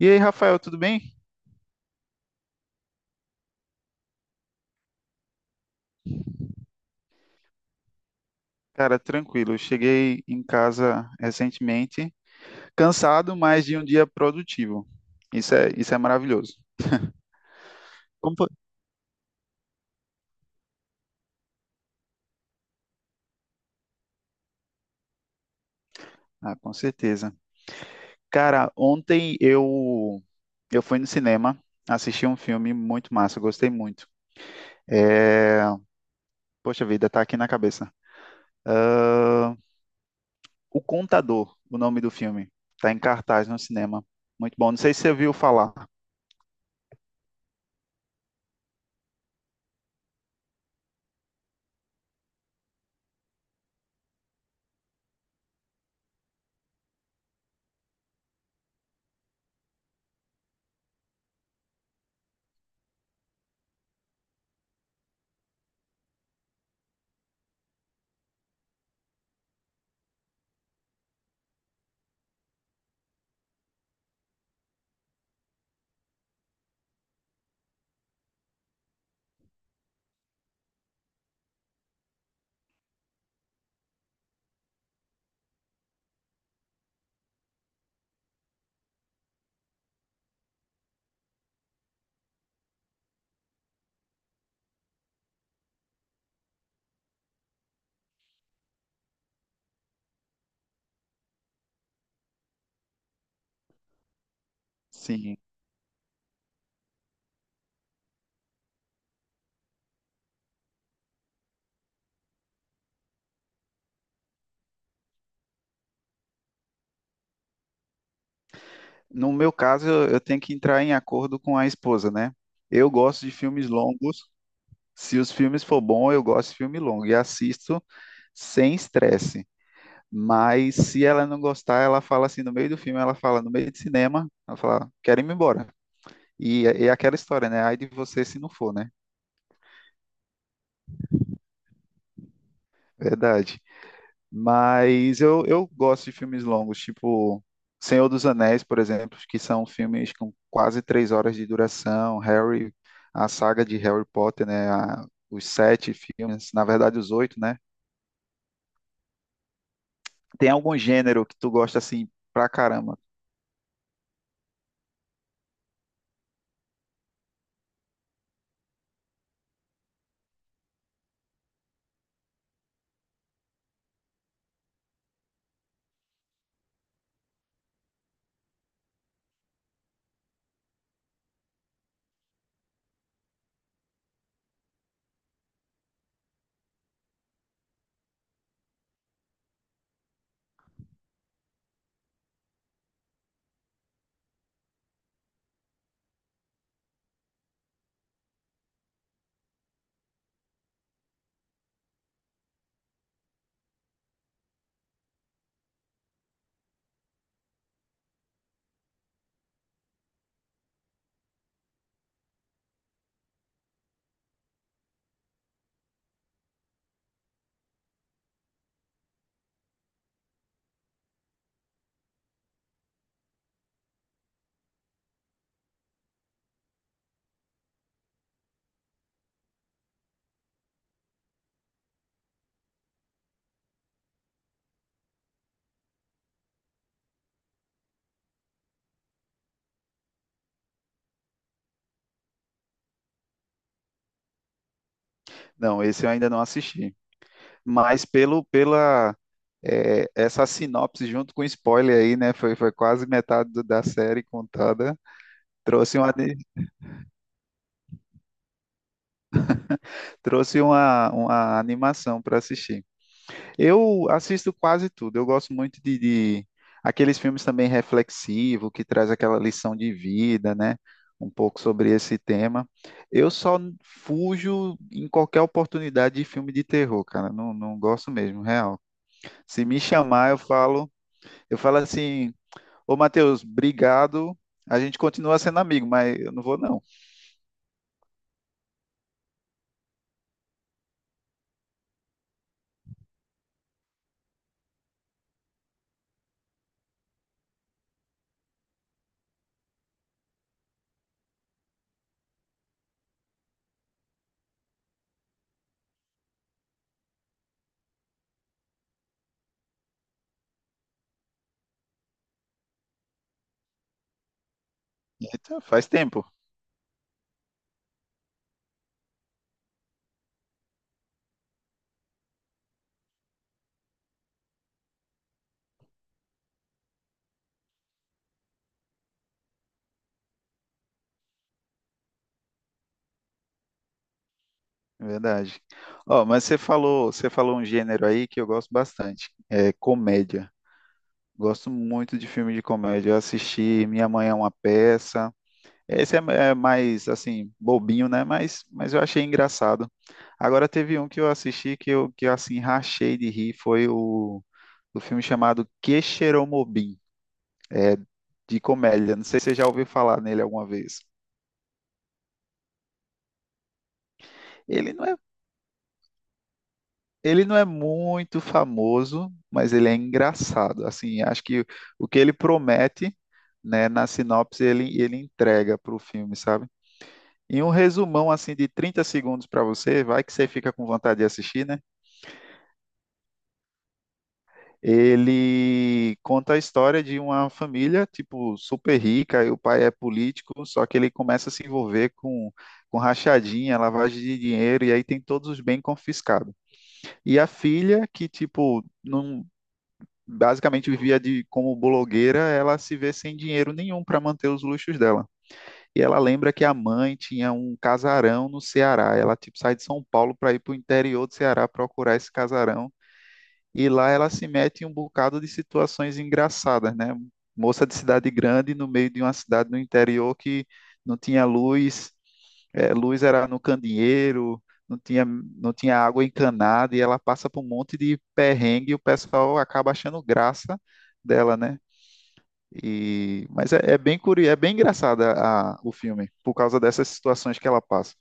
E aí, Rafael, tudo bem? Cara, tranquilo. Eu cheguei em casa recentemente, cansado, mas de um dia produtivo. Isso é maravilhoso. Como foi? Ah, com certeza. Cara, ontem eu fui no cinema, assisti um filme muito massa, gostei muito. É... Poxa vida, tá aqui na cabeça. Ah, O Contador, o nome do filme. Tá em cartaz no cinema. Muito bom. Não sei se você viu falar. Sim. No meu caso, eu tenho que entrar em acordo com a esposa, né? Eu gosto de filmes longos. Se os filmes for bom, eu gosto de filme longo e assisto sem estresse. Mas se ela não gostar, ela fala assim no meio do filme, ela fala no meio de cinema, ela fala, quero ir embora. E é aquela história, né? Ai de você se não for, né? Verdade. Mas eu gosto de filmes longos, tipo Senhor dos Anéis, por exemplo, que são filmes com quase três horas de duração. A saga de Harry Potter, né? Os sete filmes, na verdade os oito, né? Tem algum gênero que tu gosta assim pra caramba? Não, esse eu ainda não assisti. Mas pelo pela é, essa sinopse junto com spoiler aí, né? Foi quase metade da série contada. Trouxe uma, ani- Trouxe uma animação para assistir. Eu assisto quase tudo. Eu gosto muito de aqueles filmes também reflexivos, que traz aquela lição de vida, né? Um pouco sobre esse tema. Eu só fujo em qualquer oportunidade de filme de terror, cara. Não, não gosto mesmo, real. Se me chamar, eu falo assim, ô Matheus, obrigado. A gente continua sendo amigo, mas eu não vou não. Eita, faz tempo, é verdade. Ó, mas você falou um gênero aí que eu gosto bastante, é comédia. Gosto muito de filme de comédia. Eu assisti Minha Mãe é uma Peça. Esse é mais, assim, bobinho, né? Mas eu achei engraçado. Agora teve um que eu assisti que eu assim, rachei de rir. Foi o filme chamado Que É de comédia. Não sei se você já ouviu falar nele alguma vez. Ele não é, ele não é muito famoso, mas ele é engraçado. Assim, acho que o que ele promete, né, na sinopse, ele entrega para o filme, sabe? Em um resumão assim de 30 segundos para você, vai que você fica com vontade de assistir, né? Ele conta a história de uma família, tipo, super rica, e o pai é político, só que ele começa a se envolver com rachadinha, lavagem de dinheiro, e aí tem todos os bens confiscados. E a filha, que, tipo, não, basicamente vivia de, como blogueira, ela se vê sem dinheiro nenhum para manter os luxos dela. E ela lembra que a mãe tinha um casarão no Ceará. Ela tipo sai de São Paulo para ir para o interior do Ceará procurar esse casarão. E lá ela se mete em um bocado de situações engraçadas, né? Moça de cidade grande no meio de uma cidade no interior que não tinha luz, luz era no candeeiro, não tinha água encanada, e ela passa por um monte de perrengue e o pessoal acaba achando graça dela, né? E, mas é, é bem curioso, é bem engraçada o filme, por causa dessas situações que ela passa.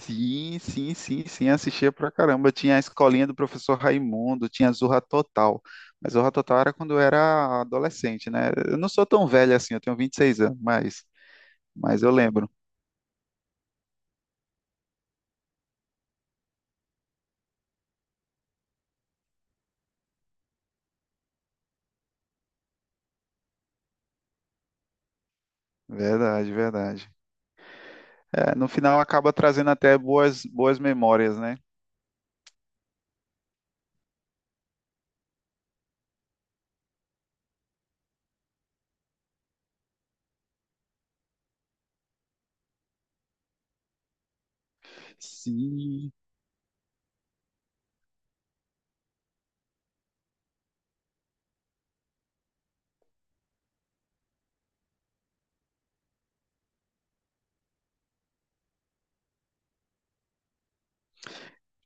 Sim, assistia pra caramba. Tinha a escolinha do professor Raimundo, tinha Zorra Total. Mas Zorra Total era quando eu era adolescente, né? Eu não sou tão velho assim, eu tenho 26 anos, mas eu lembro. Verdade, verdade. É, no final acaba trazendo até boas, boas memórias, né? Sim.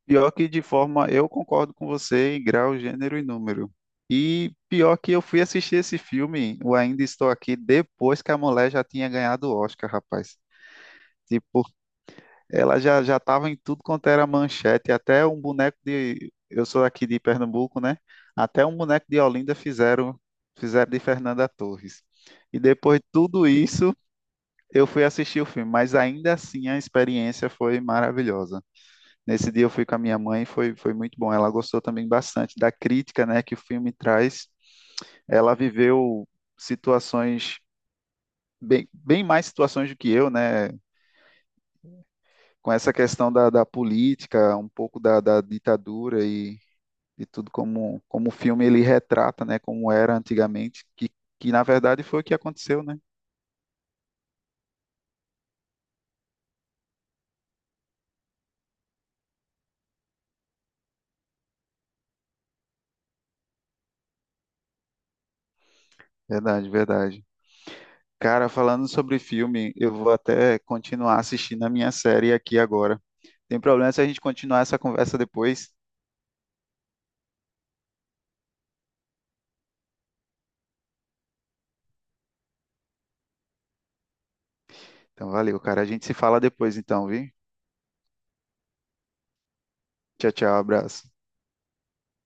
Pior que de forma, eu concordo com você em grau, gênero e número. E pior que eu fui assistir esse filme, o Ainda Estou Aqui, depois que a mulher já tinha ganhado o Oscar, rapaz. Tipo, ela já estava em tudo quanto era manchete, até um boneco de, eu sou aqui de Pernambuco, né? Até um boneco de Olinda fizeram, fizeram de Fernanda Torres. E depois de tudo isso, eu fui assistir o filme, mas ainda assim a experiência foi maravilhosa. Nesse dia eu fui com a minha mãe, foi muito bom. Ela gostou também bastante da crítica, né, que o filme traz. Ela viveu situações bem, bem mais situações do que eu, né? Com essa questão da política, um pouco da ditadura e tudo como, como o filme ele retrata, né? Como era antigamente, que na verdade foi o que aconteceu, né? Verdade, verdade. Cara, falando sobre filme, eu vou até continuar assistindo a minha série aqui agora. Tem problema se a gente continuar essa conversa depois? Então, valeu, cara. A gente se fala depois, então, viu? Tchau, tchau, abraço.